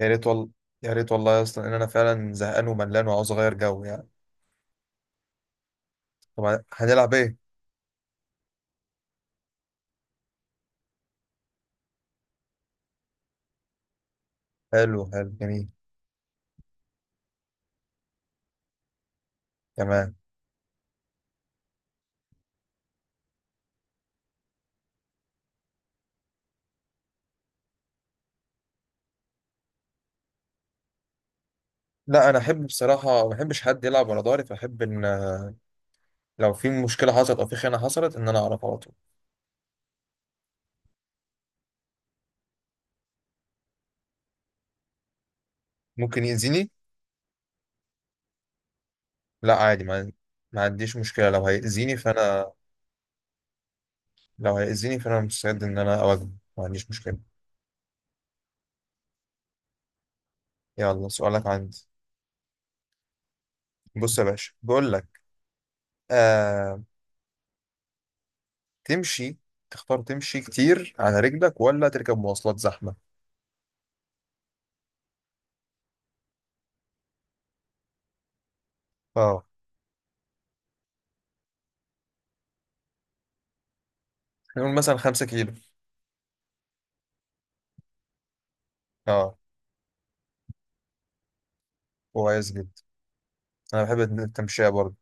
يا ريت والله يا ريت والله يا اسطى ان انا فعلا زهقان وملان وعاوز اغير جو يعني. طب هنلعب ايه؟ حلو حلو جميل. تمام. لا، انا احب بصراحه ما بحبش حد يلعب ورا ظهري فاحب ان لو في مشكله حصلت او في خيانه حصلت ان انا اعرف على طول. ممكن يأذيني. لا عادي ما عنديش مشكله لو هيأذيني فانا مستعد ان انا اواجهه. ما عنديش مشكله. يلا سؤالك عندي. بص يا باشا بقول لك. آه... تمشي. تختار تمشي كتير على رجلك ولا تركب مواصلات زحمه؟ اه. نقول مثلا 5 كيلو. اه كويس جدا. انا بحب التمشية برضه.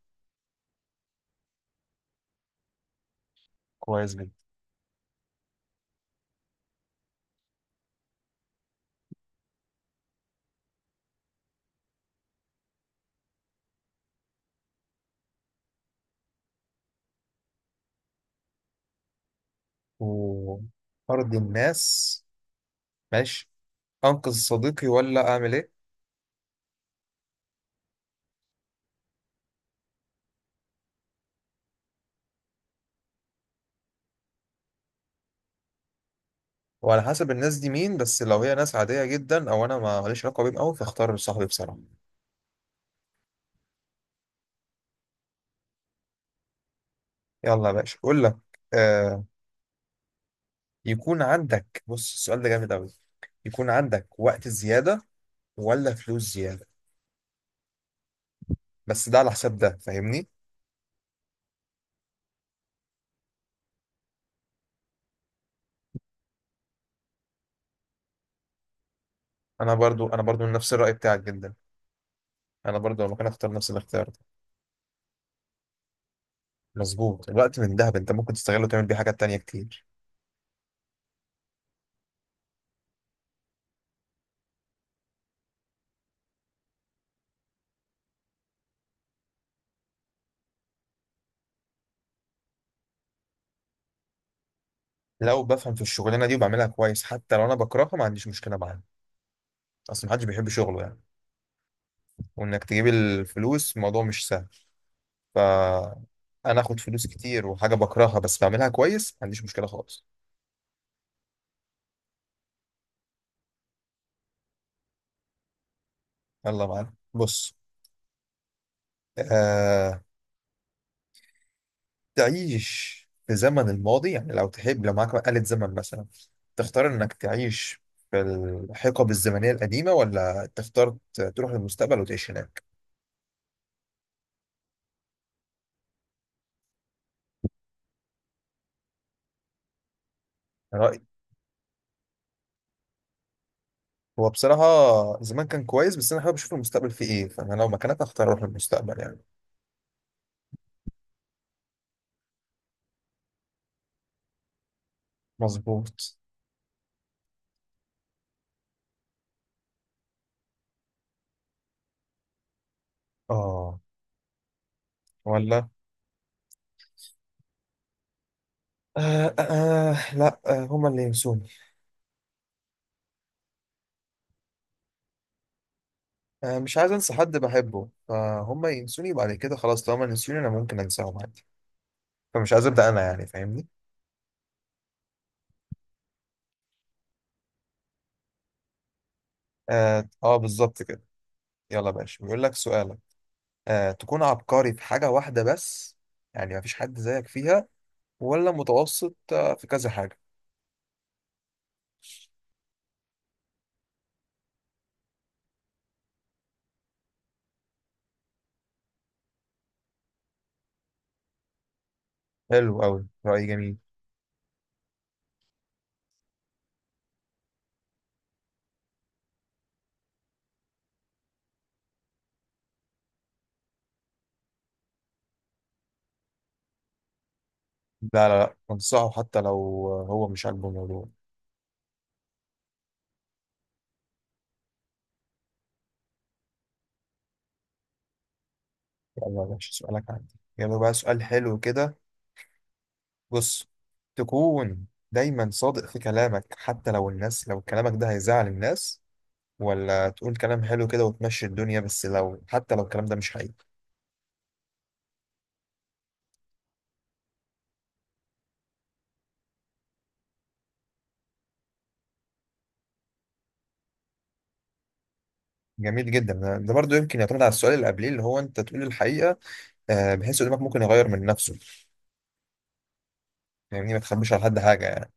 كويس جدا. وارض الناس. ماشي. انقذ صديقي ولا اعمل ايه؟ وعلى حسب الناس دي مين، بس لو هي ناس عادية جدا او انا ما ماليش علاقة بيهم قوي فاختار صاحبي بصراحة. يلا يا باشا اقول لك. آه. يكون عندك، بص السؤال ده جامد قوي. يكون عندك وقت زيادة ولا فلوس زيادة؟ بس ده على حساب ده، فاهمني؟ انا برضو من نفس الرأي بتاعك جدا. انا برضو لو مكان اختار نفس الاختيار. مظبوط، الوقت من دهب، انت ممكن تستغله وتعمل بيه حاجات تانية كتير. لو بفهم في الشغلانه دي وبعملها كويس حتى لو انا بكرهها ما عنديش مشكله معاها. اصل محدش بيحب شغله يعني. وانك تجيب الفلوس الموضوع مش سهل. ف انا اخد فلوس كتير وحاجه بكرهها بس بعملها كويس، ما عنديش مشكله خالص. يلا معانا بص. آه... تعيش في زمن الماضي، يعني لو تحب، لو معاك آلة زمن مثلا، تختار انك تعيش في الحقب الزمنيه القديمه ولا تختار تروح للمستقبل وتعيش هناك؟ هو بصراحة زمان كان كويس بس أنا حابب أشوف المستقبل فيه إيه، فأنا لو مكانك أختار أروح للمستقبل يعني. مظبوط. اه. ولا. آه آه آه، لا، هما اللي ينسوني. مش عايز أنسى حد بحبه، فهما ينسوني بعد كده خلاص، طالما ينسوني أنا ممكن أنساهم عادي. فمش عايز أبدأ أنا، يعني فاهمني؟ آه, آه بالظبط كده. يلا يا باشا بيقول لك سؤالك. آه، تكون عبقري في حاجة واحدة بس، يعني مفيش حد زيك فيها، ولا متوسط في كذا حاجة؟ حلو أوي، رأي جميل. لا لا لا انصحه حتى لو هو مش عاجبه الموضوع. يلا يا باشا سؤالك عندي، يلا بقى سؤال حلو كده. بص، تكون دايما صادق في كلامك حتى لو الناس، لو كلامك ده هيزعل الناس، ولا تقول كلام حلو كده وتمشي الدنيا بس لو حتى لو الكلام ده مش حقيقي؟ جميل جدا، ده برضو يمكن يعتمد على السؤال اللي قبليه، اللي هو انت تقول الحقيقة بحيث قدامك ممكن يغير من نفسه. يعني ما تخبيش على حد حاجة يعني.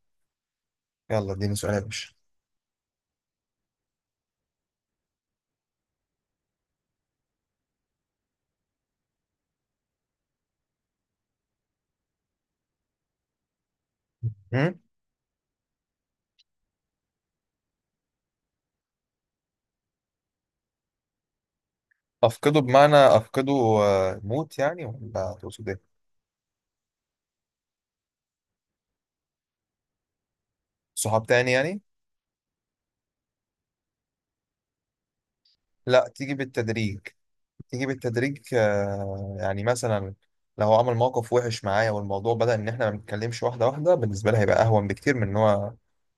يلا اديني سؤال يا باشا. مم؟ أفقده بمعنى أفقده موت يعني ولا تقصد إيه؟ صحاب تاني يعني. لا تيجي بالتدريج. يعني مثلا لو هو عمل موقف وحش معايا والموضوع بدأ ان احنا ما بنتكلمش واحده واحده بالنسبه لها هيبقى اهون بكتير من ان هو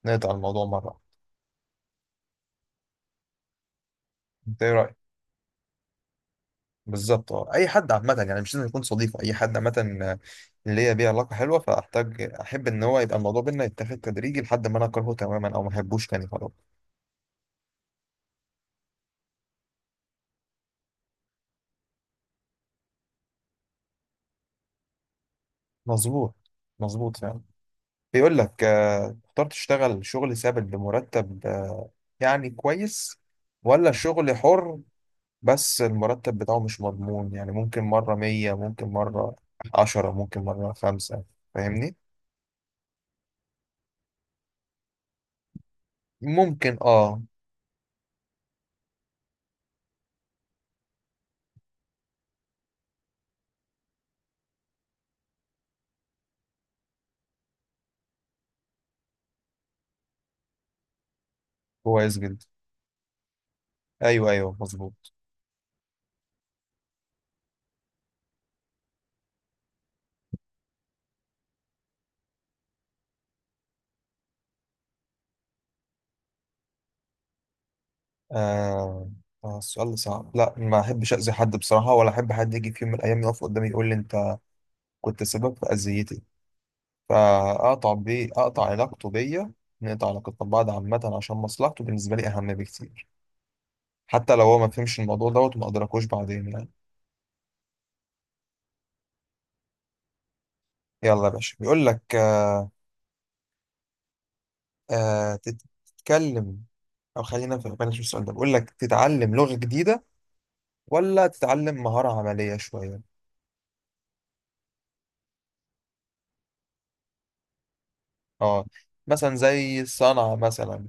نقطع الموضوع مره. انت ايه رايك؟ بالظبط اه، اي حد عامه يعني مش لازم يكون صديق، اي حد عامه آه، اللي هي بيه علاقه حلوه فاحتاج احب ان هو يبقى الموضوع بينا يتاخد تدريجي لحد ما انا اكرهه تماما او ما احبوش تاني خلاص. مظبوط. مظبوط فعلا. بيقول لك تختار تشتغل شغل ثابت بمرتب يعني كويس، ولا شغل حر بس المرتب بتاعه مش مضمون، يعني ممكن مرة 100 ممكن مرة 10 ممكن مرة 5، فاهمني؟ ممكن اه. كويس جدا. ايوه ايوه مظبوط. آه. آه السؤال ده صعب. لا ما احبش اذي حد بصراحة ولا احب حد يجي في يوم من الايام يقف قدامي يقول لي انت كنت سبب في اذيتي. فاقطع بيه، اقطع علاقته بيا، نقطع علاقتنا ببعض عامة، عشان مصلحته بالنسبة لي اهم بكتير حتى لو هو ما فهمش الموضوع دوت وما ادركوش بعدين يعني. يلا يا باشا بيقول لك آه. آه، تت- تتكلم او خلينا في بلاش، السؤال ده بيقول لك تتعلم لغة جديدة ولا تتعلم مهارة عملية شوية؟ اه مثلا زي الصنعة مثلا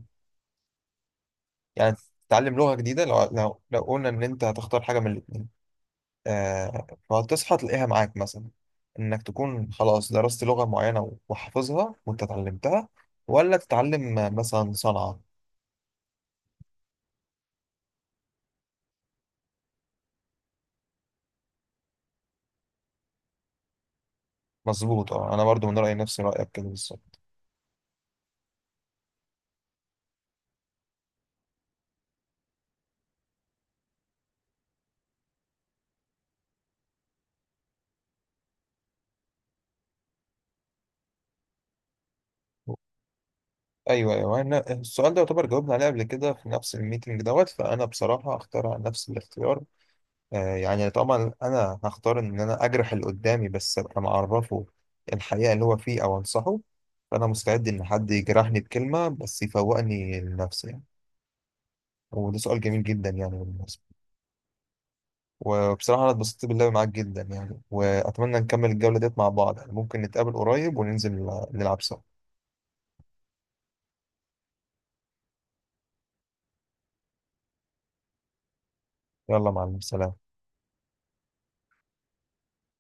يعني. تتعلم لغة جديدة لو قلنا ان انت هتختار حاجة من الاتنين، آه فهتصحى تلاقيها معاك مثلا انك تكون خلاص درست لغة معينة وحافظها وانت اتعلمتها، ولا تتعلم مثلا صنعة؟ مظبوط اه، انا برضو من رأيي نفس رأيك كده بالظبط. ايوه ايوه، أنا السؤال ده يعتبر جاوبنا عليه قبل كده في نفس الميتنج دوت، فانا بصراحه هختار على نفس الاختيار. آه يعني طبعا انا هختار ان انا اجرح اللي قدامي بس ابقى معرفه الحقيقه اللي هو فيه او انصحه. فانا مستعد ان حد يجرحني بكلمه بس يفوقني لنفسي يعني. وده سؤال جميل جدا يعني بالمناسبه. وبصراحه انا اتبسطت باللعب معاك جدا يعني، واتمنى نكمل الجوله ديت مع بعض يعني، ممكن نتقابل قريب وننزل نلعب سوا. يلا مع السلامه.